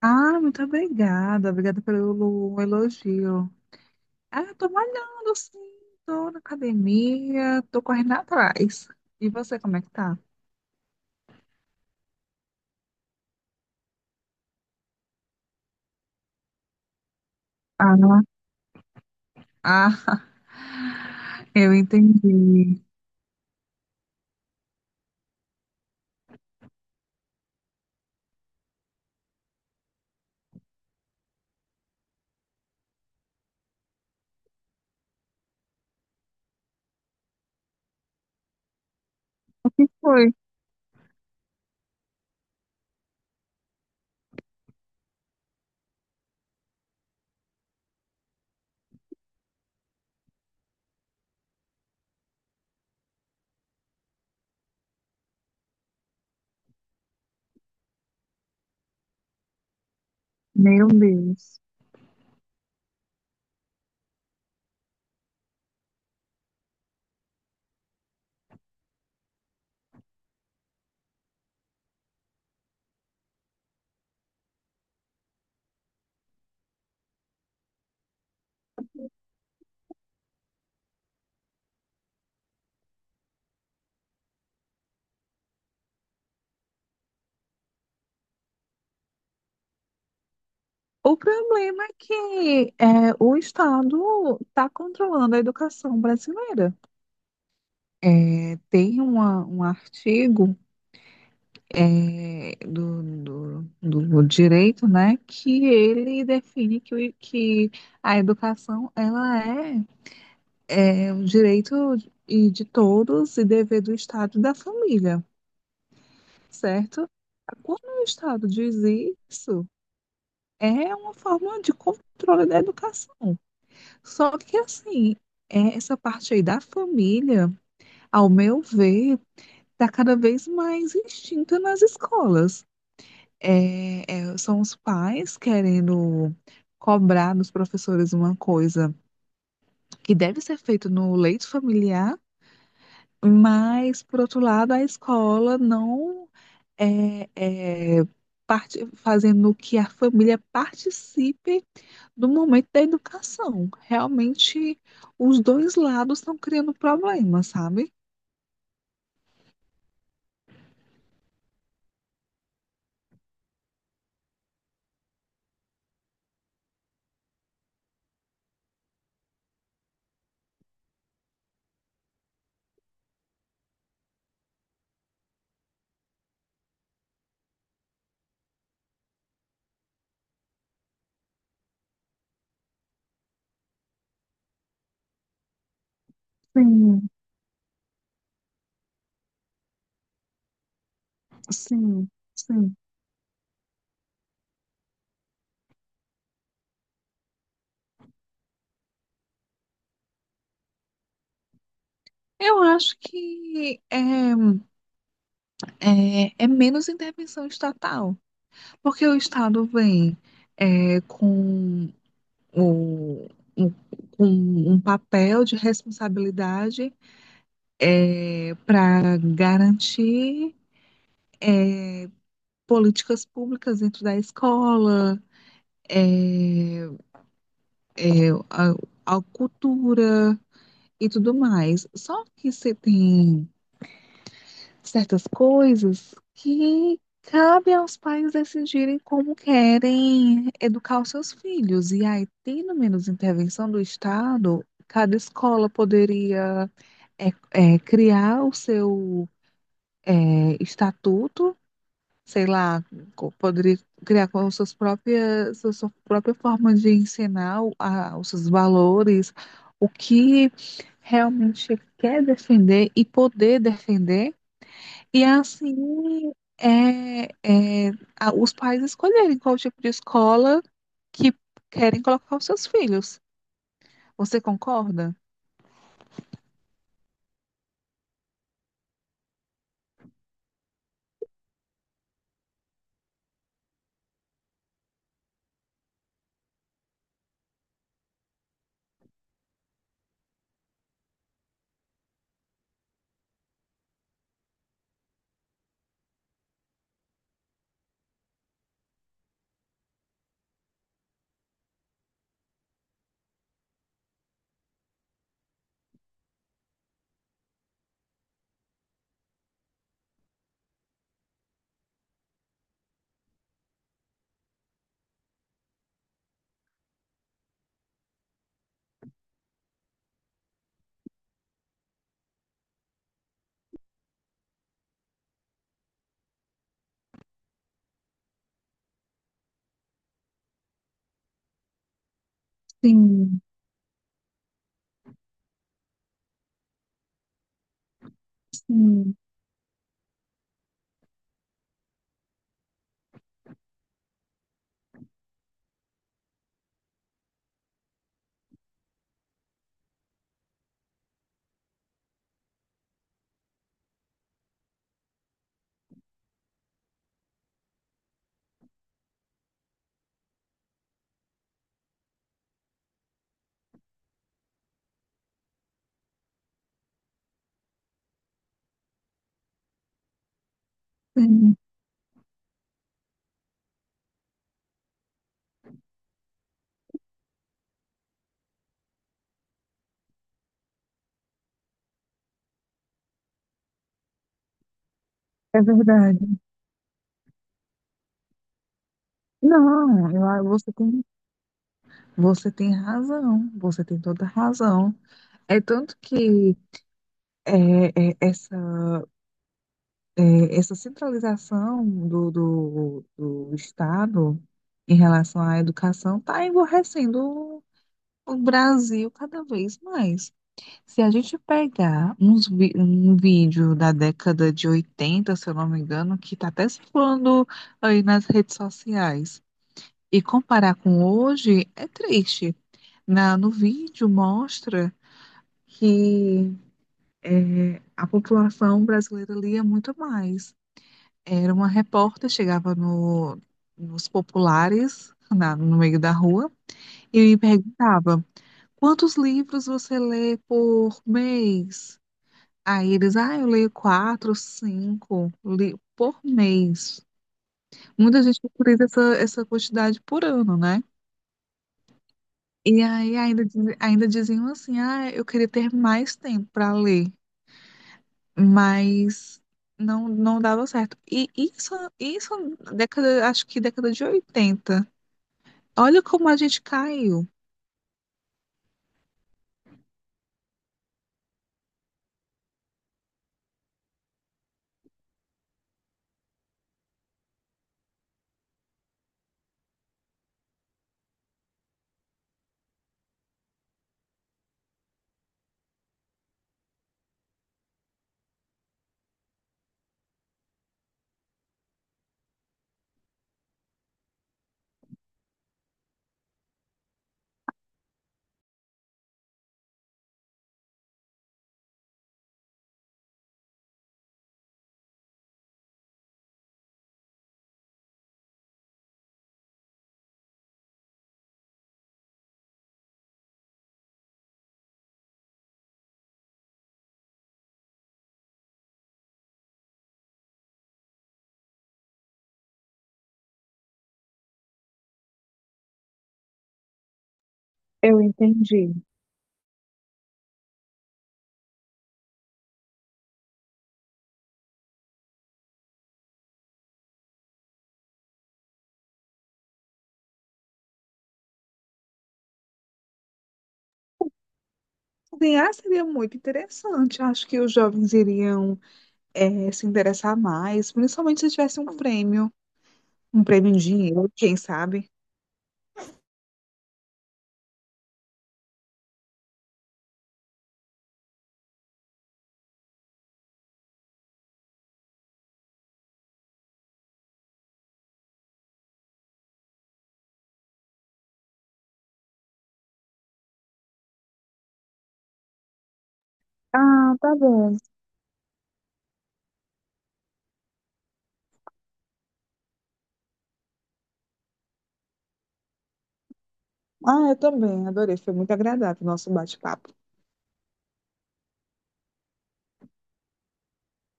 Muito obrigada. Obrigada pelo elogio. Eu tô malhando, sim. Tô na academia, tô correndo atrás. E você, como é que tá? Ah, ah, eu entendi. O que foi? Meu Deus. O problema é o Estado está controlando a educação brasileira. É, tem um artigo. Do direito, né, que ele define que a educação é um direito e de todos e dever do Estado e da família, certo? Quando o Estado diz isso, é uma forma de controle da educação. Só que assim, essa parte aí da família, ao meu ver, está cada vez mais extinta nas escolas. São os pais querendo cobrar dos professores uma coisa que deve ser feita no leito familiar, mas, por outro lado, a escola não é, é, parte, fazendo que a família participe do momento da educação. Realmente, os dois lados estão criando problemas, sabe? Sim, sim, sim. Eu acho que é menos intervenção estatal. Porque o Estado vem é, com, o, um, com um papel de responsabilidade para garantir é, políticas públicas dentro da escola, é, a cultura e tudo mais. Só que se tem certas coisas que cabe aos pais decidirem como querem educar os seus filhos. E aí, tendo menos intervenção do Estado, cada escola poderia criar o seu estatuto, sei lá, poderia criar com suas própria forma de ensinar os seus valores, o que realmente quer defender e poder defender e assim, é, é, os pais escolherem qual tipo de escola que querem colocar os seus filhos. Você concorda? Sim, sim, sim, é verdade. Não, você tem razão, você tem toda a razão. É tanto que é, é, essa, essa centralização do Estado em relação à educação está emborrecendo o Brasil, cada vez mais. Se a gente pegar um vídeo da década de 80, se eu não me engano, que está até circulando aí nas redes sociais, e comparar com hoje, é triste. No vídeo mostra que a população brasileira lia muito mais. Era uma repórter, chegava nos populares, no meio da rua, e perguntava. Quantos livros você lê por mês? Aí eles, ah, eu leio 4, 5 li por mês. Muita gente procura essa quantidade por ano, né? E aí ainda, ainda diziam assim, ah, eu queria ter mais tempo para ler, mas não, não dava certo. E isso década, acho que década de 80. Olha como a gente caiu. Eu entendi. Desenhar seria muito interessante. Acho que os jovens iriam se interessar mais, principalmente se tivesse um prêmio em dinheiro, quem sabe? Ah, tá bom. Ah, eu também, adorei. Foi muito agradável o nosso bate-papo.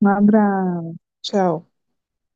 Um abraço. Tchau.